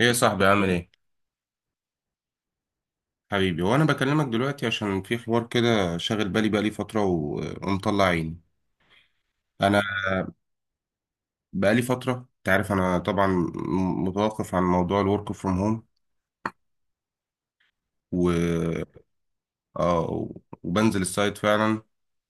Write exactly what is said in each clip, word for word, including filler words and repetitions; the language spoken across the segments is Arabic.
ايه يا صاحبي؟ عامل ايه؟ حبيبي، وانا بكلمك دلوقتي عشان في حوار كده شاغل بالي بقالي فتره و- ومطلع عيني. انا بقالي فتره، انت عارف انا طبعا م- متوقف عن موضوع الورك فروم هوم و... آه وبنزل السايت فعلا.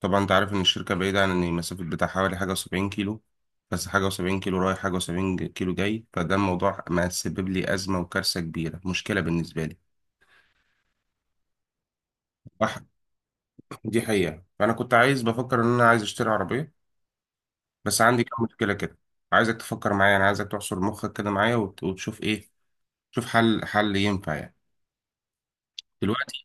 طبعا انت عارف ان الشركه بعيده عن المسافه بتاع حوالي حاجه و70 كيلو، بس حاجه و70 كيلو رايح، حاجه و70 كيلو جاي. فده الموضوع ما سبب لي ازمه وكارثه كبيره، مشكله بالنسبه لي. وح- دي حقيقه. فانا كنت عايز، بفكر ان انا عايز اشتري عربيه، بس عندي كام مشكلة كده. عايزك تفكر معايا، انا عايزك تحصر مخك كده معايا وت- وتشوف ايه، تشوف حل، حل ينفع يعني. دلوقتي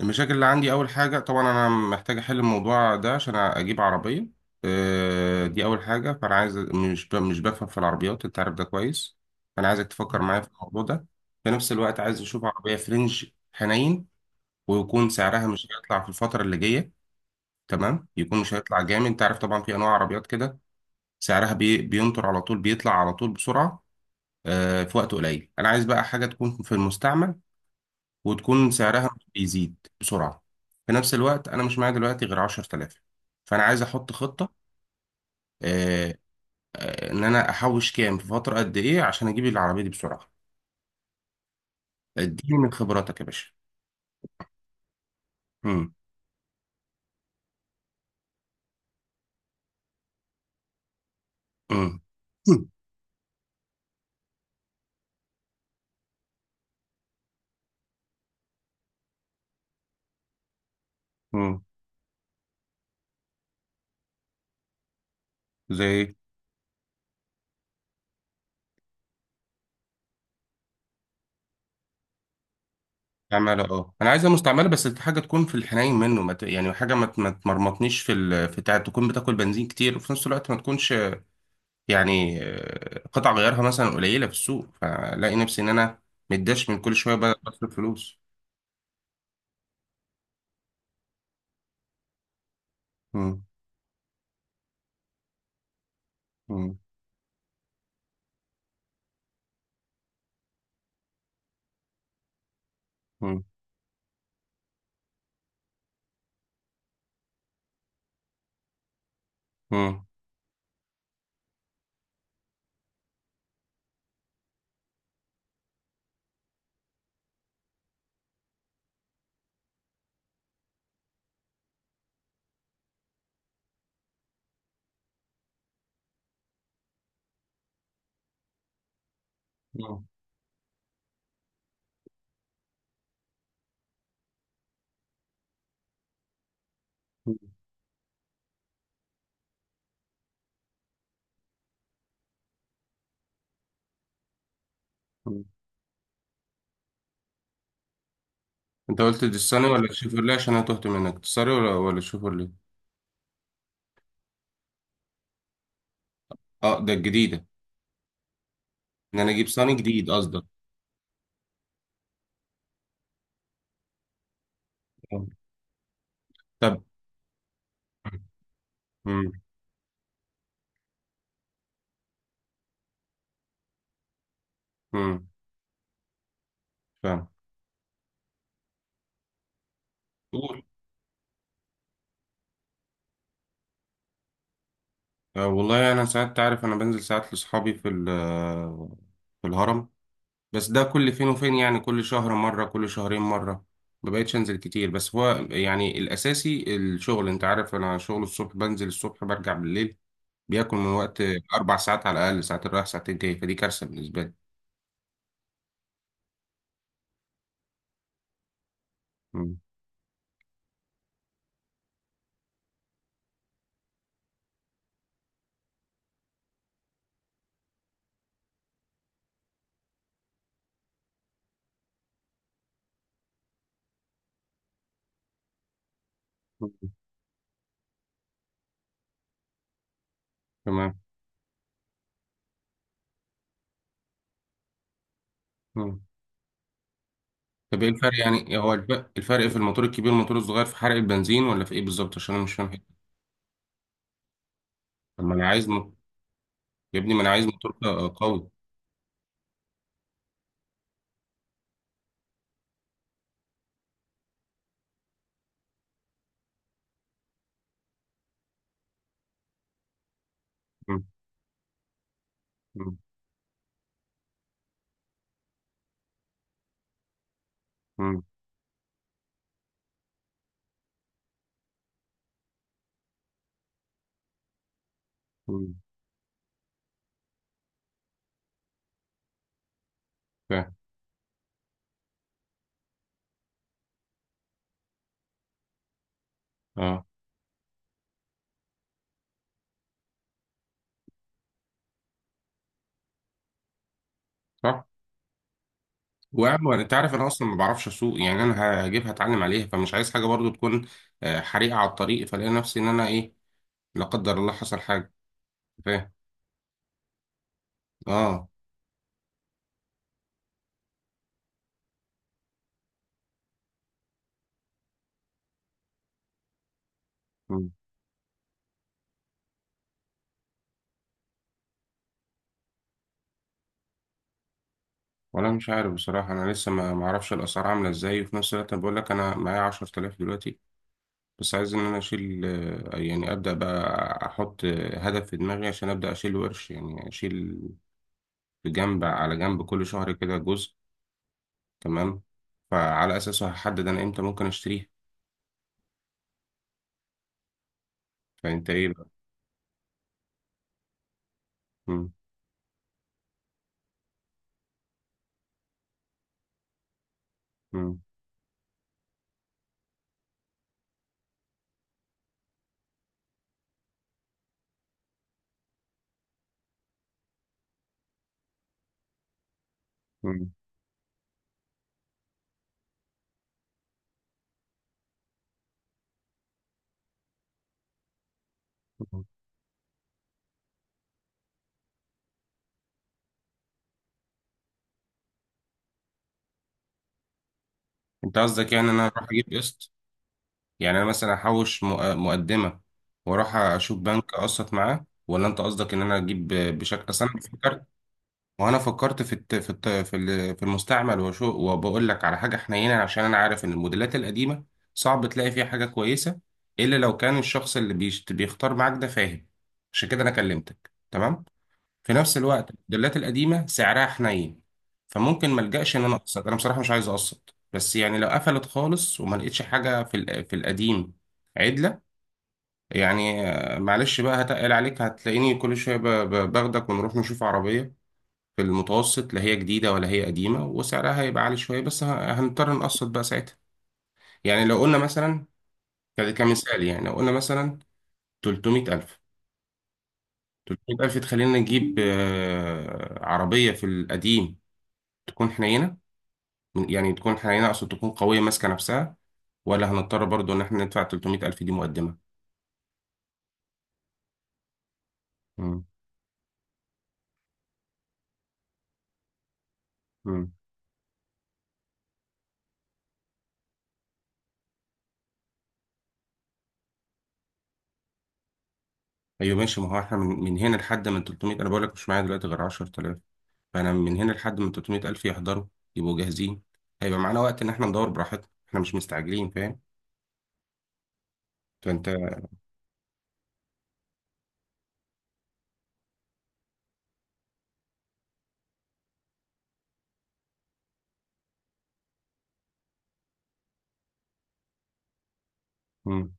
المشاكل اللي عندي، اول حاجة طبعا انا محتاج احل الموضوع ده عشان اجيب عربية. آه، دي اول حاجة. فانا عايز، مش ب- مش بفهم في العربيات، انت عارف ده كويس. فانا عايزك تفكر معايا في الموضوع ده. في نفس الوقت عايز اشوف عربية فرنج، حنين، ويكون سعرها مش هيطلع في الفترة اللي جاية. تمام، يكون مش هيطلع جامد. انت عارف طبعا في انواع عربيات كده سعرها بي... بينطر على طول، بيطلع على طول بسرعة. آه، في وقت قليل. انا عايز بقى حاجه تكون في المستعمل وتكون سعرها مش بيزيد بسرعه. في نفس الوقت انا مش معايا دلوقتي غير عشرة آلاف، فانا عايز احط خطه، آه، آه، ان انا احوش كام في فتره قد ايه عشان اجيب العربيه دي بسرعه. اديني من خبراتك يا باشا. امم امم امم زي. مستعمله، اه انا عايزها مستعمله، بس حاجه تكون في الحنين. منه ما ت- يعني حاجه ما ت- ما تمرمطنيش في ال... في تع- تكون بتاكل بنزين كتير، وفي نفس الوقت ما تكونش يعني آه، قطع غيارها مثلا قليلة في السوق، فلاقي نفسي إن أنا متداش من كل شوية ب- بصرف فلوس. مم. مم. مم. مم. مم. مم. أنت قلت دي ولا تشيفرلي؟ عشان أنا تهت منك. دي ولا ولا تشيفرلي؟ أه، ده الجديدة. إن أنا أجيب صني جديد قصدك؟ آه. طب. مم. مم. فاهم. قول. آه، والله أنا ساعات، تعرف أنا بنزل ساعات لأصحابي في ال- آه، في الهرم، بس ده كل فين وفين يعني، كل شهر مرة، كل شهرين مرة. ما بقتش انزل كتير، بس هو يعني الاساسي الشغل. انت عارف انا شغل الصبح، بنزل الصبح برجع بالليل. بياكل من وقت اربع ساعات على الاقل، ساعتين رايح ساعتين جاي، فدي كارثة بالنسبة لي. مم. مم. تمام. مم. طب ايه الفرق يعني، هو الف- الفرق في الموتور الكبير والموتور الصغير في حرق البنزين ولا في ايه بالظبط؟ عشان انا مش فاهم حاجة. طب ما انا عايز م... يا ابني ما انا عايز موتور ق- قوي. مم. مم. مم. مم. فاهم. اه. صح. وأعمل، انت عارف انا اصلا ما بعرفش اسوق، يعني انا هجيبها اتعلم عليها، فمش عايز حاجه برضو تكون آه، حريقه على الطريق، فلاقي نفسي ان انا ايه، لا قدر الله حصل حاجه. فاهم. اه. مم. ولا مش عارف بصراحه، انا لسه ما ما اعرفش الاسعار عامله ازاي. وفي نفس الوقت أنا بقول لك انا معايا عشرة آلاف دلوقتي، بس عايز ان انا اشيل، آه، يعني ابدا بقى، احط آه، هدف في دماغي عشان ابدا اشيل ورش، يعني اشيل بجنب، على جنب كل شهر كده جزء، تمام. فعلى اساسه هحدد انا امتى ممكن اشتريها. فانت ايه بقى؟ مم. مم. مم. مم. انت قصدك يعني انا اروح اجيب قسط؟ يعني انا مثلا احوش مؤ- مقدمه واروح اشوف بنك اقسط معاه، ولا انت قصدك ان انا اجيب بشكل اصل؟ انا فكرت، وانا فكرت في الت... في الت... في ال- في المستعمل وشو. وبقول لك على حاجه حنينه عشان انا عارف ان الموديلات القديمه صعب تلاقي فيها حاجه كويسه، الا لو كان الشخص اللي بيشت... بيختار معاك ده فاهم، عشان كده انا كلمتك. تمام. في نفس الوقت الموديلات القديمه سعرها حنين، فممكن ما الجاش ان انا اقسط. انا بصراحه مش عايز اقسط، بس يعني لو قفلت خالص وما لقيتش حاجه في ال- في القديم عدله، يعني آه، معلش بقى، هتقل عليك، هتلاقيني كل شويه ب- ب- باخدك ونروح نشوف عربيه في المتوسط، لا هي جديده ولا هي قديمه، وسعرها هيبقى عالي شويه، بس ه- هنضطر نقسط بقى ساعتها. يعني لو قلنا مثلا، ك- كمثال يعني، لو قلنا مثلا تلت ميت ألف. تلت ميت ألف تخلينا نجيب آه، عربيه في القديم، تكون حنينه، يعني تكون حنينة، أقصد تكون قوية ماسكة نفسها، ولا هنضطر برضو إن إحنا ندفع تلت ميت ألف دي مقدمة؟ مم. مم. أيوة ماشي، ما هو إحنا من, من هنا لحد من تلت ميت. أنا بقول لك مش معايا دلوقتي غير عشرة آلاف، فأنا من هنا لحد من تلت ميت ألف يحضروا، يبقوا جاهزين. هيبقى معانا وقت إن إحنا ندور براحتنا، إحنا مش مستعجلين، فاهم. فأنت. مم.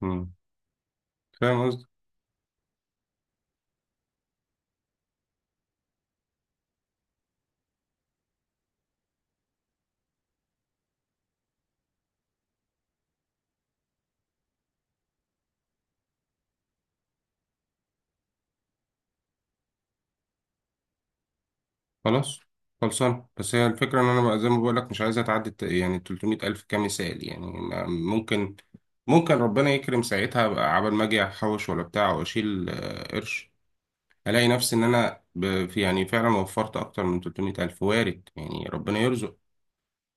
مم. فاهم. خلاص. خلصان. بس هي الفكرة إن أنا بقى زي ما بقولك مش عايزة تعدي الت- يعني تلت ميت ألف كمثال. يعني أنا ممكن، ممكن ربنا يكرم ساعتها بقى، عبال ما أجي أحوش ولا بتاع وأشيل آه، قرش، ألاقي نفسي إن أنا ب- في، يعني فعلا وفرت أكتر من تلت ميت ألف، وارد يعني، ربنا يرزق.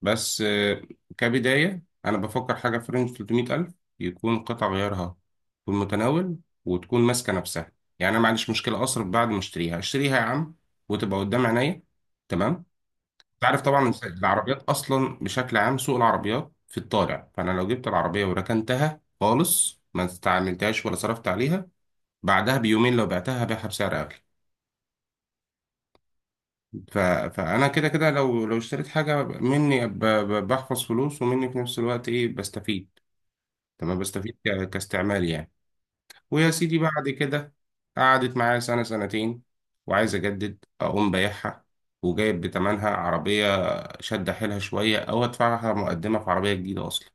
بس آه، كبداية أنا بفكر حاجة في رينج ثلاثمئة ألف، يكون قطع غيارها في المتناول، وتكون ماسكة نفسها. يعني أنا ما عنديش مشكلة أصرف بعد ما أشتريها. أشتريها يا عم وتبقى قدام عينيا، تمام. انت عارف طبعا العربيات اصلا بشكل عام سوق العربيات في الطالع، فانا لو جبت العربيه وركنتها خالص، ما استعملتهاش ولا صرفت عليها، بعدها بيومين لو بعتها هبيعها بسعر اغلى. ف... فانا كده كده لو، لو اشتريت حاجه مني ب... ب- بحفظ فلوس، ومني في نفس الوقت ايه، بستفيد. تمام، بستفيد ك... كاستعمال يعني. ويا سيدي بعد كده قعدت معايا سنه سنتين، وعايز اجدد، اقوم بايعها وجايب بتمنها عربيه، شد حيلها شويه، او ادفعها مقدمه في عربيه جديده اصلا.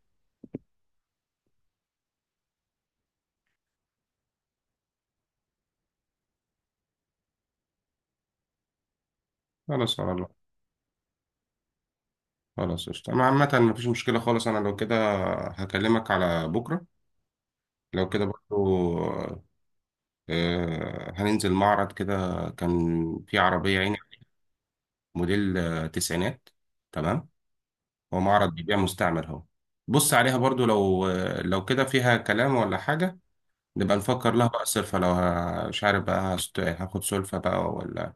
خلاص، على الله. خلاص قشطة، أنا عامة مفيش مشكلة خالص. أنا لو كده هكلمك على بكرة، لو كده برضو آه، هننزل معرض كده. كان في عربية يعني موديل آه، تسعينات، تمام. هو معرض بيبيع مستعمل أهو، بص عليها برضو. لو آه، لو كده فيها كلام ولا حاجة، نبقى نفكر لها بقى صرفة. لو ه- مش عارف بقى، هست- هاخد سلفة بقى ولا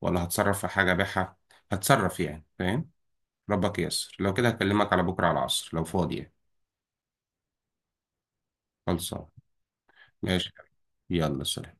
ولا هتصرف في حاجة أبيعها هتصرف يعني، فاهم. ربك ييسر. لو كده هكلمك على بكرة على العصر لو فاضي يعني. خلصان. ماشي. يلا سلام.